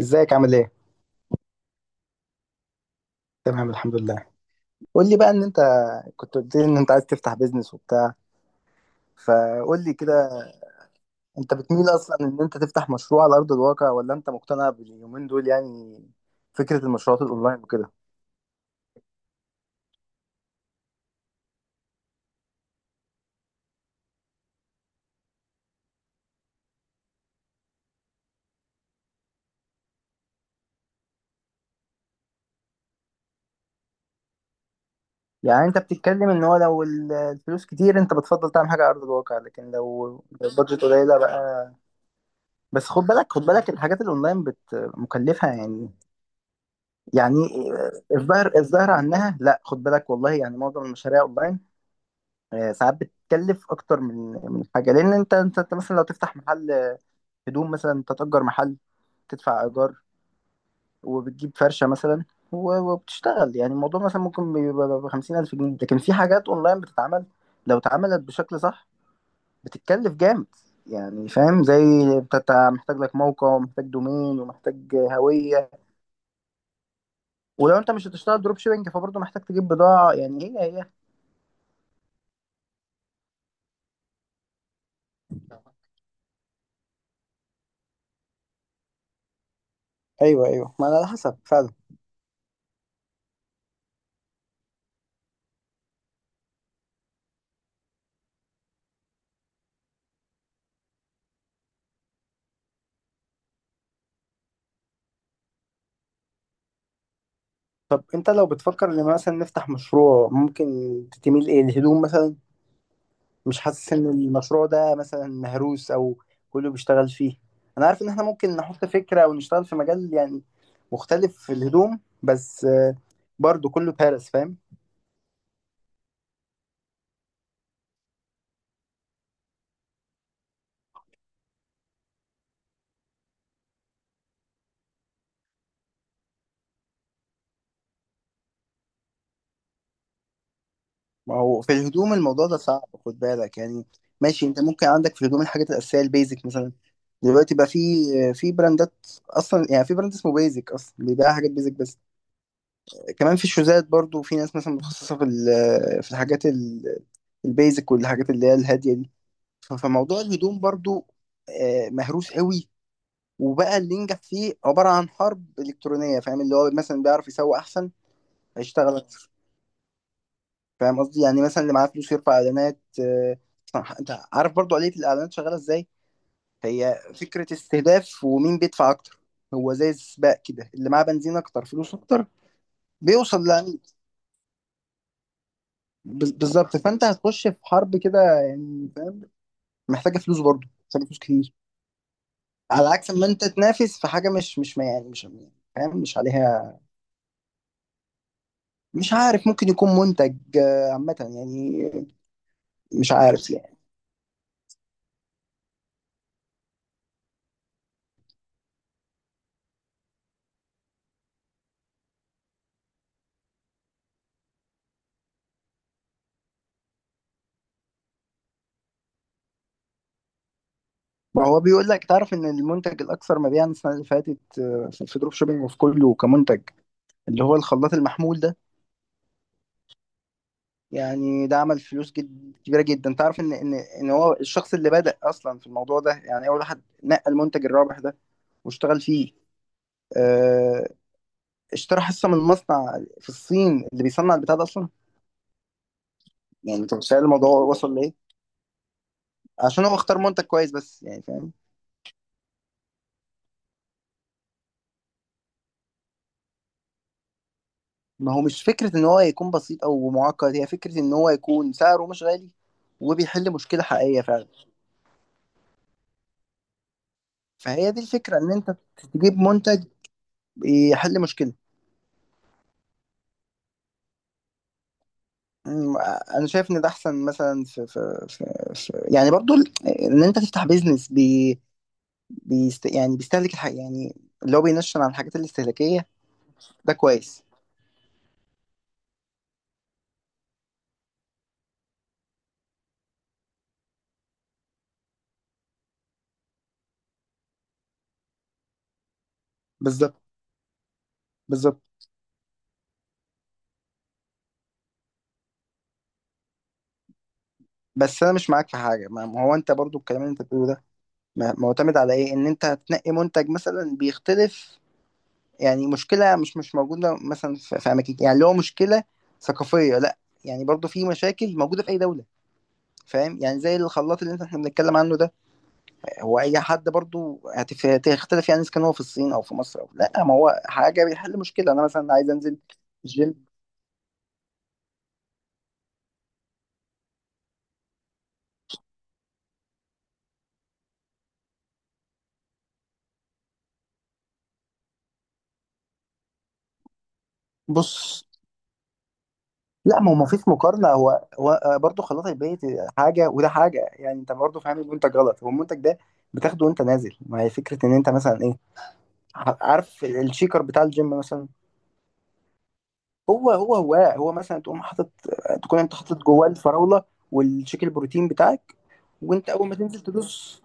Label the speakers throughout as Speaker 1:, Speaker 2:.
Speaker 1: ازيك عامل ايه؟ تمام الحمد لله. قول لي بقى ان انت كنت قلت لي ان انت عايز تفتح بيزنس وبتاع، فقول لي كده. انت بتميل اصلا ان انت تفتح مشروع على ارض الواقع، ولا انت مقتنع باليومين دول يعني فكرة المشروعات الاونلاين وكده؟ يعني انت بتتكلم ان هو لو الفلوس كتير انت بتفضل تعمل حاجة على ارض الواقع، لكن لو البادجت قليلة بقى. بس خد بالك خد بالك الحاجات الاونلاين بت مكلفة يعني. يعني الظاهر الظاهر عنها، لا خد بالك والله. يعني معظم المشاريع اونلاين، ساعات بتكلف اكتر من من حاجه، لان انت انت أنت مثلا لو تفتح محل هدوم مثلا، انت تأجر محل، تدفع ايجار، وبتجيب فرشه مثلا، وبتشتغل. يعني الموضوع مثلا ممكن بيبقى ب 50000 جنيه، لكن في حاجات اونلاين بتتعمل لو اتعملت بشكل صح بتتكلف جامد يعني. فاهم؟ زي أنت محتاج لك موقع، ومحتاج دومين، ومحتاج هويه. ولو انت مش هتشتغل دروب شيبنج فبرضه محتاج تجيب بضاعه يعني هي. ايوه، ايوه، ما على حسب فعلا. طب انت لو بتفكر ان مثلا نفتح مشروع، ممكن تميل ايه؟ الهدوم مثلا؟ مش حاسس ان المشروع ده مثلا مهروس او كله بيشتغل فيه؟ انا عارف ان احنا ممكن نحط فكرة ونشتغل في مجال يعني مختلف في الهدوم، بس برضو كله بارس، فاهم. ما هو في الهدوم الموضوع ده صعب خد بالك يعني. ماشي، انت ممكن عندك في الهدوم الحاجات الاساسية، البيزك مثلا. دلوقتي بقى في براندات اصلا، يعني في براند اسمه بيزك اصلا بيبيع حاجات بيزك بس. كمان في الشوزات برضو في ناس مثلا متخصصة في الحاجات البيزك والحاجات اللي هي الهادية دي. فموضوع الهدوم برضو مهروس قوي، وبقى اللي ينجح فيه عبارة عن حرب إلكترونية، فاهم؟ اللي هو مثلا بيعرف يسوق أحسن هيشتغل أكتر. فاهم قصدي؟ يعني مثلا اللي معاه فلوس يرفع إعلانات. صح؟ أنت عارف برضو آلية الإعلانات شغالة إزاي، هي فكرة استهداف، ومين بيدفع أكتر. هو زي السباق كده، اللي معاه بنزين أكتر، فلوس أكتر، بيوصل. بالظبط. فانت هتخش في حرب كده يعني، فاهم؟ محتاجه فلوس، برضه محتاجه فلوس كتير، على عكس ما انت تنافس في حاجه مش ما، يعني مش، يعني، فاهم، مش عليها. مش عارف، ممكن يكون منتج عامه يعني، مش عارف يعني. ما هو بيقول لك، تعرف ان المنتج الاكثر مبيعا السنه اللي فاتت في دروب شوبينج وفي كله كمنتج، اللي هو الخلاط المحمول ده؟ يعني ده عمل فلوس جد كبيره جدا. تعرف ان هو الشخص اللي بدأ اصلا في الموضوع ده، يعني اول واحد نقى المنتج الرابح ده واشتغل فيه، آه، اشترى حصه من مصنع في الصين اللي بيصنع البتاع ده اصلا؟ يعني انت متخيل الموضوع وصل لايه؟ عشان هو اختار منتج كويس بس، يعني فاهم. ما هو مش فكره ان هو يكون بسيط او معقد، هي فكره ان هو يكون سعره مش غالي وبيحل مشكله حقيقيه فعلا. فهي دي الفكره، ان انت تجيب منتج يحل مشكله. أمم، انا شايف ان ده احسن. مثلا في, في يعني برضو ان انت تفتح بيزنس بيست، يعني بيستهلك الحاجه يعني، اللي هو بينشن عن الحاجات الاستهلاكيه. ده كويس. بالظبط، بالظبط. بس انا مش معاك في حاجه. ما هو انت برضو الكلام اللي انت بتقوله ده معتمد على ايه؟ ان انت هتنقي منتج مثلا بيختلف، يعني مشكله مش موجوده مثلا في اماكن، يعني اللي هو مشكله ثقافيه؟ لا، يعني برضو في مشاكل موجوده في اي دوله، فاهم؟ يعني زي الخلاط اللي انت احنا بنتكلم عنه ده، هو اي حد برضو هتختلف يعني اذا كان هو في الصين او في مصر او لا؟ ما هو حاجه بيحل مشكله. انا مثلا عايز انزل الجيم. بص، لا، ما هو ما فيش مقارنه. هو برضه خلاط البيت حاجه، وده حاجه. يعني انت برضه فاهم المنتج غلط. هو المنتج ده بتاخده وانت نازل. ما هي فكره ان انت مثلا ايه، عارف الشيكر بتاع الجيم مثلا؟ هو مثلا تقوم حاطط، تكون انت حاطط جواه الفراوله والشيك البروتين بتاعك، وانت اول ما تنزل تدوس.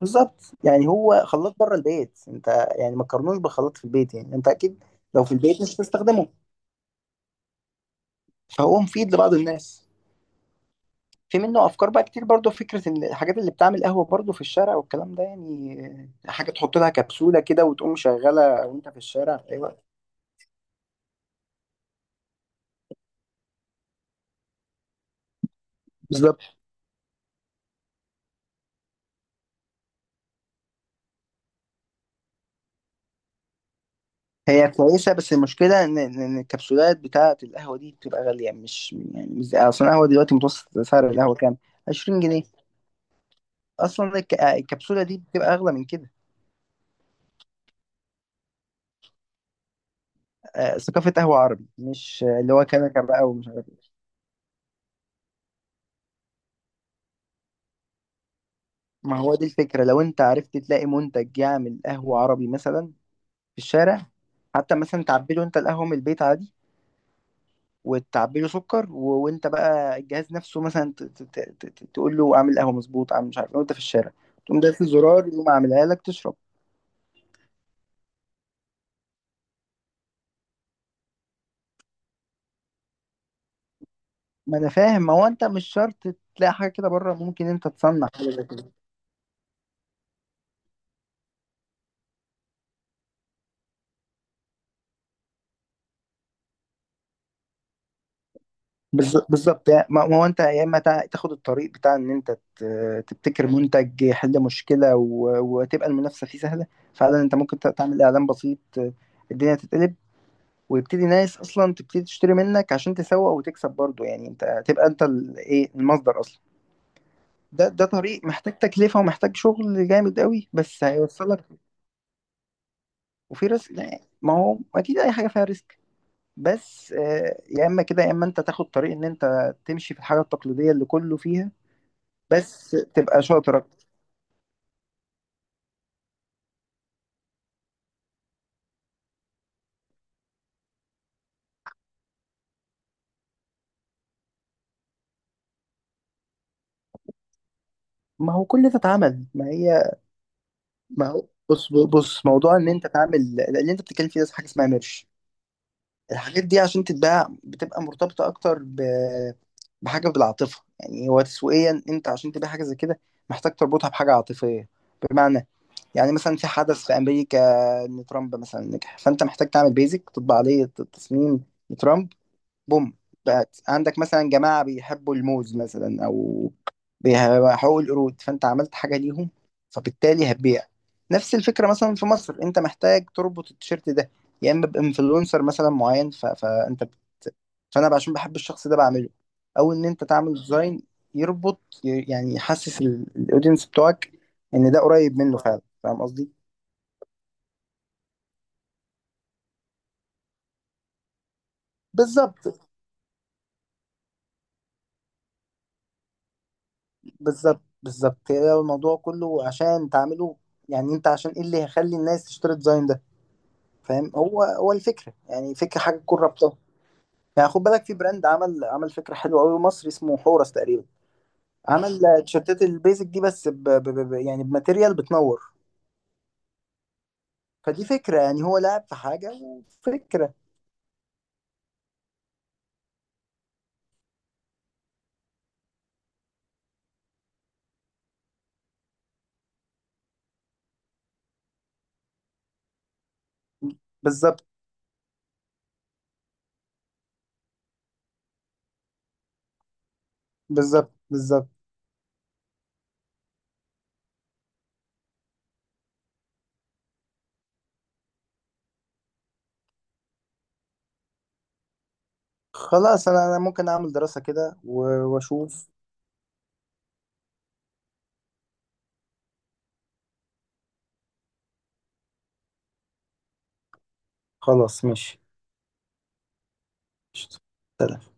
Speaker 1: بالظبط، يعني هو خلاط بره البيت انت، يعني ما تقارنوش بخلاط في البيت. يعني انت اكيد لو في البيت مش هتستخدمه، فهو مفيد لبعض الناس. في منه افكار بقى كتير برضو. فكره ان الحاجات اللي بتعمل قهوه برضو في الشارع والكلام ده، يعني حاجه تحط لها كبسوله كده وتقوم شغاله وانت في الشارع في اي وقت. بالظبط. هي كويسه، بس المشكله ان إن الكبسولات بتاعه القهوه دي بتبقى غاليه. مش يعني، مش اصلا القهوه دلوقتي متوسط سعر القهوه كام؟ 20 جنيه. اصلا الكبسوله دي بتبقى اغلى من كده. ثقافه قهوه عربي، مش اللي هو كنكه بقى ومش عارف إيه. ما هو دي الفكره، لو انت عرفت تلاقي منتج يعمل قهوه عربي مثلا في الشارع، حتى مثلا تعبي له انت القهوه من البيت عادي، وتعبي له سكر، وانت بقى الجهاز نفسه مثلا تقول له اعمل قهوه مظبوط، اعمل مش عارف ايه، وانت في الشارع، تقوم دايس الزرار يقوم عاملها لك تشرب. ما انا فاهم، ما هو انت مش شرط تلاقي حاجه كده بره. ممكن انت تصنع حاجه زي كده. بالظبط. يعني ما هو انت يا اما تاخد الطريق بتاع ان انت تبتكر منتج يحل مشكله، وتبقى المنافسه فيه سهله فعلا. انت ممكن تعمل اعلان بسيط الدنيا تتقلب، ويبتدي ناس اصلا تبتدي تشتري منك، عشان تسوق وتكسب برضو. يعني انت تبقى انت ايه، المصدر اصلا. ده طريق محتاج تكلفة ومحتاج شغل جامد قوي، بس هيوصلك. وفي ريسك، لا، ما هو اكيد اي حاجة فيها ريسك. بس يا اما كده، يا اما انت تاخد طريق ان انت تمشي في الحاجة التقليدية اللي كله فيها، بس تبقى شاطر أكتر. ما هو كل ده اتعمل. ما هي، ما هو بص، موضوع ان انت تعمل اللي انت بتتكلم فيه ده حاجة اسمها ميرش. الحاجات دي عشان تتباع بتبقى مرتبطة أكتر بحاجة بالعاطفة. يعني هو تسويقيا أنت عشان تبيع حاجة زي كده محتاج تربطها بحاجة عاطفية. بمعنى، يعني مثلا في حدث في أمريكا، إن ترامب مثلا نجح، فأنت محتاج تعمل بيزك تطبع عليه التصميم لترامب، بوم، بقت عندك مثلا جماعة بيحبوا الموز مثلا، أو بيحبوا القرود، فأنت عملت حاجة ليهم، فبالتالي هتبيع. نفس الفكرة مثلا في مصر، أنت محتاج تربط التيشيرت ده يا إما بإنفلونسر مثلا معين، فأنت فأنا عشان بحب الشخص ده بعمله، أو إن أنت تعمل ديزاين يربط، يعني يحسس الأودينس بتوعك إن ده قريب منه فعلا. فاهم قصدي؟ بالظبط، بالظبط، بالظبط. هي الموضوع كله عشان تعمله، يعني انت عشان ايه اللي هيخلي الناس تشتري الديزاين ده، فاهم؟ هو الفكره، يعني فكره حاجه تكون رابطه. يعني خد بالك، في براند عمل فكره حلوه قوي، مصري، اسمه حورس تقريبا. عمل تيشيرتات البيزك دي، بس يعني بماتيريال بتنور. فدي فكره، يعني هو لعب في حاجه وفكره. بالظبط، بالظبط، بالظبط. خلاص، انا ممكن اعمل دراسه كده واشوف. خلاص، ماشي. قشطة. سلام.